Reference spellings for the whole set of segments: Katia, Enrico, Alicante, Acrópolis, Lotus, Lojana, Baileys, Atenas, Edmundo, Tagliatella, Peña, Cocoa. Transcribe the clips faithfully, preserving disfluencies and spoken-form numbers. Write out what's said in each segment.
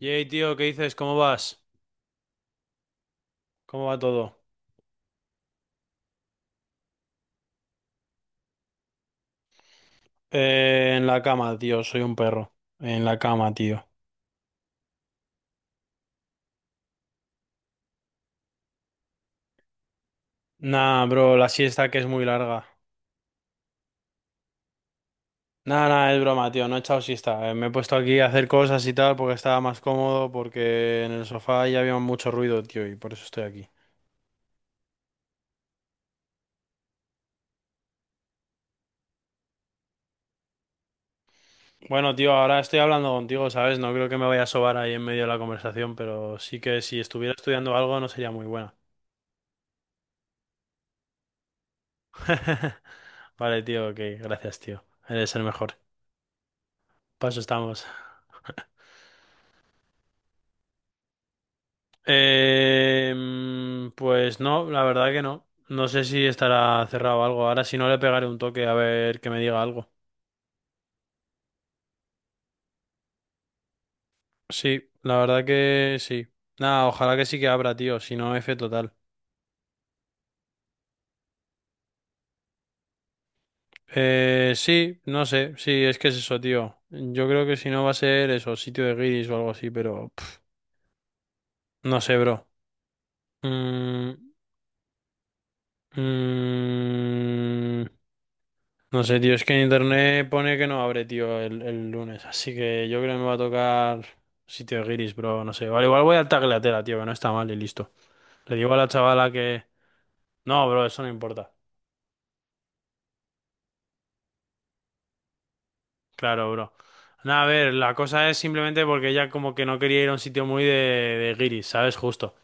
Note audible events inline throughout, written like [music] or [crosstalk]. Yey, tío, ¿qué dices? ¿Cómo vas? ¿Cómo va todo? Eh, en la cama, tío, soy un perro. En la cama, tío. Nah, bro, la siesta que es muy larga. Nah, nah, es broma, tío, no he echado siesta. Eh, me he puesto aquí a hacer cosas y tal porque estaba más cómodo, porque en el sofá ya había mucho ruido, tío, y por eso estoy aquí. Bueno, tío, ahora estoy hablando contigo, ¿sabes? No creo que me vaya a sobar ahí en medio de la conversación, pero sí que si estuviera estudiando algo no sería muy buena. [laughs] Vale, tío, ok, gracias, tío. Eres el mejor. Paso estamos. Em, pues no, la verdad que no. No sé si estará cerrado o algo. Ahora si no le pegaré un toque a ver que me diga algo. Sí, la verdad que sí. Nada, ojalá que sí que abra, tío. Si no, F total. Eh, sí, no sé. Sí, es que es eso, tío. Yo creo que si no va a ser eso, sitio de guiris o algo así, pero pff, no sé, bro. Mm, mm, No sé, tío, es que en internet pone que no abre, tío, el, el lunes. Así que yo creo que me va a tocar sitio guiris, bro. No sé. Vale, igual voy al Tagliatella, tío, que no está mal y listo. Le digo a la chavala que... No, bro, eso no importa. Claro, bro. Nada, a ver, la cosa es simplemente porque ella como que no quería ir a un sitio muy de, de guiris, ¿sabes? Justo.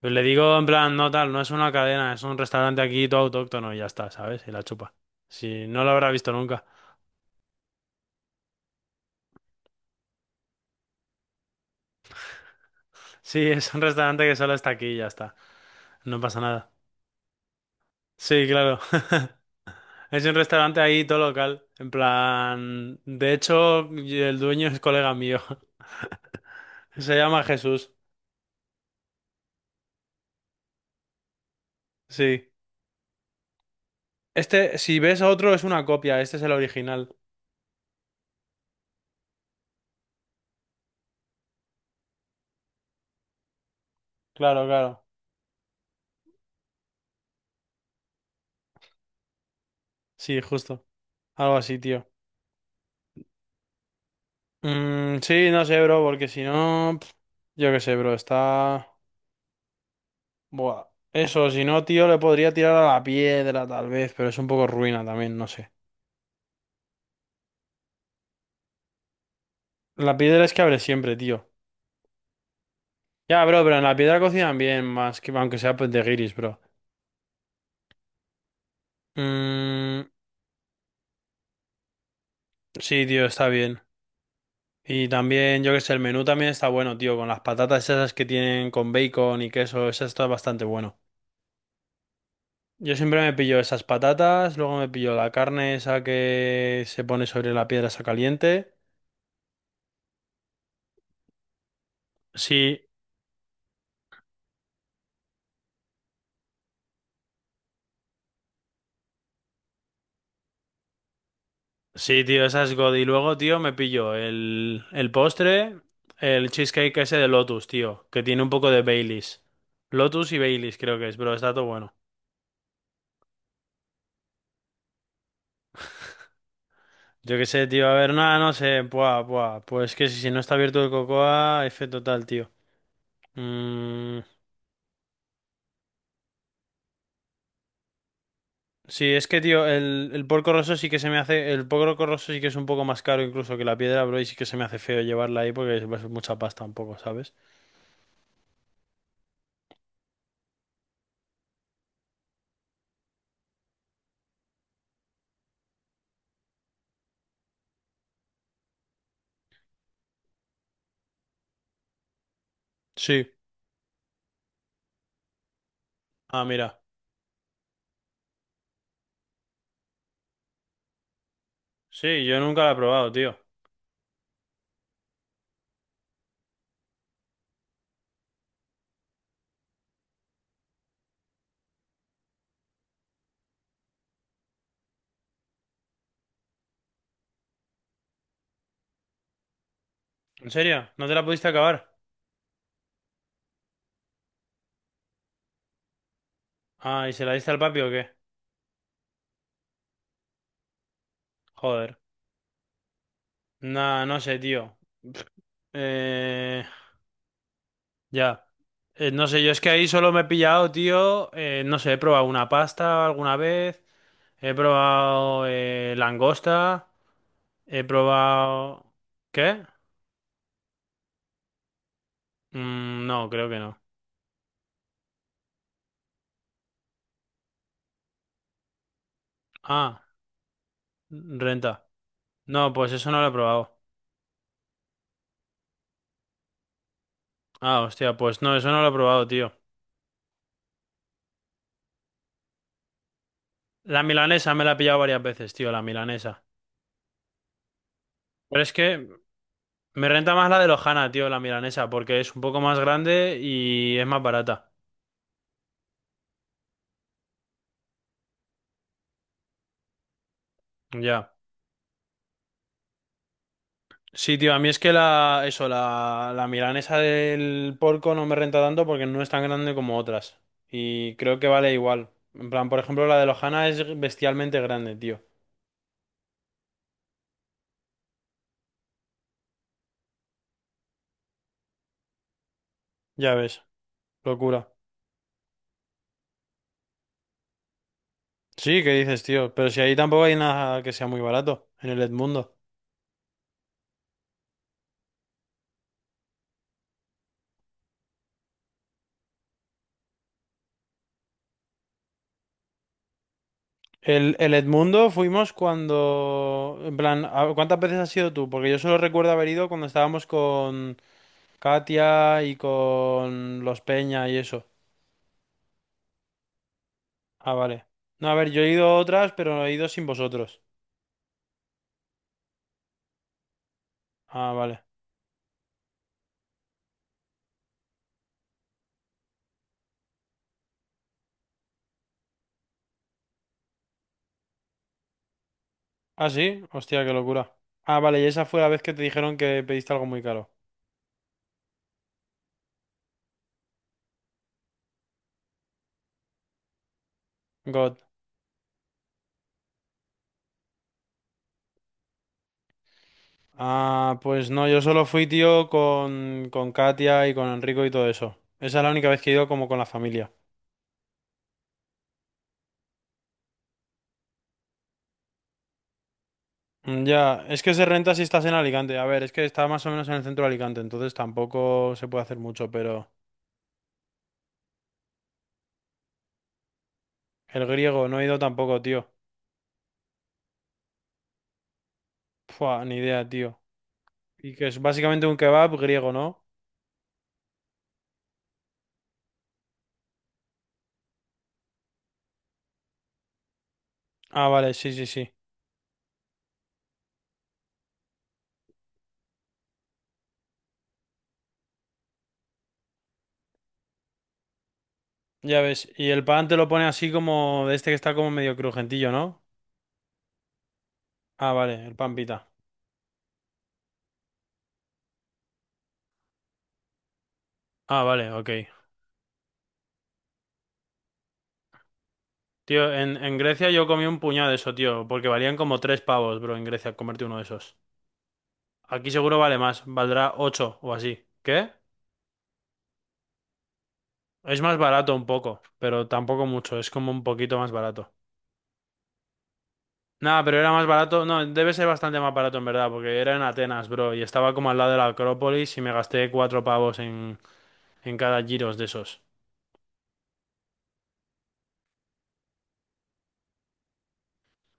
Pues le digo en plan, no tal, no es una cadena, es un restaurante aquí todo autóctono y ya está, ¿sabes? Y la chupa. Si no lo habrá visto nunca. Sí, es un restaurante que solo está aquí y ya está. No pasa nada. Sí, claro. [laughs] Es un restaurante ahí todo local. En plan. De hecho, y el dueño es colega mío. [laughs] Se llama Jesús. Sí. Este, si ves otro, es una copia. Este es el original. Claro, claro. Sí, justo. Algo así, tío. Mm, sí, no sé, bro, porque si no. pf, Yo qué sé, bro. Está. Buah. Eso, si no, tío, le podría tirar a la piedra, tal vez, pero es un poco ruina también, no sé. La piedra es que abre siempre, tío. Ya, bro, pero en la piedra cocinan bien, más que aunque sea pues, de guiris, bro. Mm, sí, tío, está bien. Y también, yo que sé, el menú también está bueno, tío, con las patatas esas que tienen con bacon y queso, eso está bastante bueno. Yo siempre me pillo esas patatas, luego me pillo la carne esa que se pone sobre la piedra esa caliente. Sí, sí, tío, esa es God. Y luego, tío, me pillo el, el postre, el cheesecake ese de Lotus, tío, que tiene un poco de Baileys. Lotus y Baileys creo que es, pero está todo bueno. Yo qué sé, tío. A ver, nada, no sé. Buah, buah. Pues que si si no está abierto el Cocoa, F total, tío. Mm, sí, es que, tío, el, el porco rosso sí que se me hace. El porco rosso sí que es un poco más caro incluso que la piedra, bro. Y sí que se me hace feo llevarla ahí porque es es mucha pasta un poco, ¿sabes? Sí. Ah, mira. Sí, yo nunca la he probado, tío. ¿En serio? ¿No te la pudiste acabar? Ah, ¿y se la diste al papi o qué? Joder. Nah, no sé, tío. Eh. Ya. Eh, no sé, yo es que ahí solo me he pillado, tío. eh, no sé, he probado una pasta alguna vez. He probado eh, langosta. He probado. ¿Qué? Mm, no, creo que no. Ah, renta. No, pues eso no lo he probado. Ah, hostia, pues no, eso no lo he probado, tío. La milanesa me la he pillado varias veces, tío, la milanesa. Pero es que me renta más la de Lojana, tío, la milanesa, porque es un poco más grande y es más barata. Ya. Sí, tío, a mí es que la, eso, la, la milanesa del porco no me renta tanto porque no es tan grande como otras. Y creo que vale igual. En plan, por ejemplo, la de Lojana es bestialmente grande, tío. Ya ves, locura. Sí, ¿qué dices, tío? Pero si ahí tampoco hay nada que sea muy barato, en el Edmundo. El, el Edmundo fuimos cuando... En plan, a- ¿cuántas veces has ido tú? Porque yo solo recuerdo haber ido cuando estábamos con Katia y con los Peña y eso. Ah, vale. No, a ver, yo he ido a otras, pero he ido sin vosotros. Ah, vale. Ah, sí. Hostia, qué locura. Ah, vale, y esa fue la vez que te dijeron que pediste algo muy caro. God. Ah, pues no, yo solo fui, tío, con, con Katia y con Enrico y todo eso. Esa es la única vez que he ido como con la familia. Mm, ya, es que se renta si estás en Alicante. A ver, es que está más o menos en el centro de Alicante, entonces tampoco se puede hacer mucho, pero... El griego, no he ido tampoco, tío. Pua, ni idea, tío. Y que es básicamente un kebab griego, ¿no? Ah, vale, sí, sí, sí. Ya ves, y el pan te lo pone así como de este que está como medio crujentillo, ¿no? Ah, vale, el pan pita. Ah, vale, ok. Tío, en, en Grecia yo comí un puñado de eso, tío, porque valían como tres pavos, bro, en Grecia, comerte uno de esos. Aquí seguro vale más, valdrá ocho o así. ¿Qué? Es más barato un poco, pero tampoco mucho, es como un poquito más barato. Nada, pero era más barato, no, debe ser bastante más barato en verdad, porque era en Atenas, bro, y estaba como al lado de la Acrópolis y me gasté cuatro pavos en, en cada giros de esos.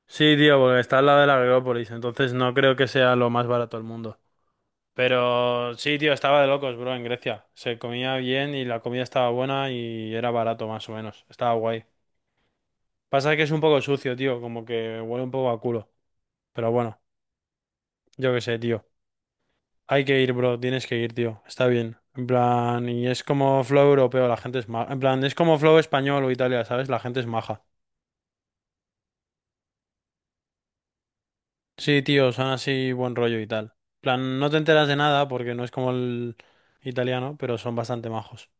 Sí, tío, porque está al lado de la Agrópolis, entonces no creo que sea lo más barato del mundo. Pero sí, tío, estaba de locos, bro, en Grecia. Se comía bien y la comida estaba buena y era barato, más o menos. Estaba guay. Pasa que es un poco sucio, tío, como que huele un poco a culo. Pero bueno, yo qué sé, tío. Hay que ir, bro, tienes que ir, tío. Está bien. En plan, y es como flow europeo, la gente es maja. En plan, es como flow español o Italia, ¿sabes? La gente es maja. Sí, tío, son así buen rollo y tal. Plan, no te enteras de nada porque no es como el italiano, pero son bastante majos.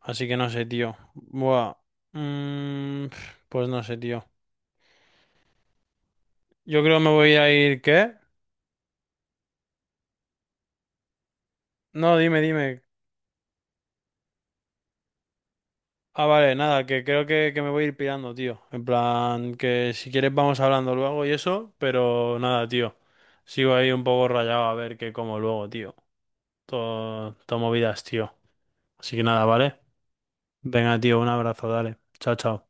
Así que no sé, tío. Buah. Mm, pues no sé, tío. Yo creo que me voy a ir, ¿qué? No, dime, dime. Ah, vale, nada, que creo que, que me voy a ir pirando, tío. En plan, que si quieres vamos hablando luego y eso, pero nada, tío. Sigo ahí un poco rayado a ver qué como luego, tío. Todo, todo movidas, tío. Así que nada, ¿vale? Venga, tío, un abrazo, dale. Chao, chao.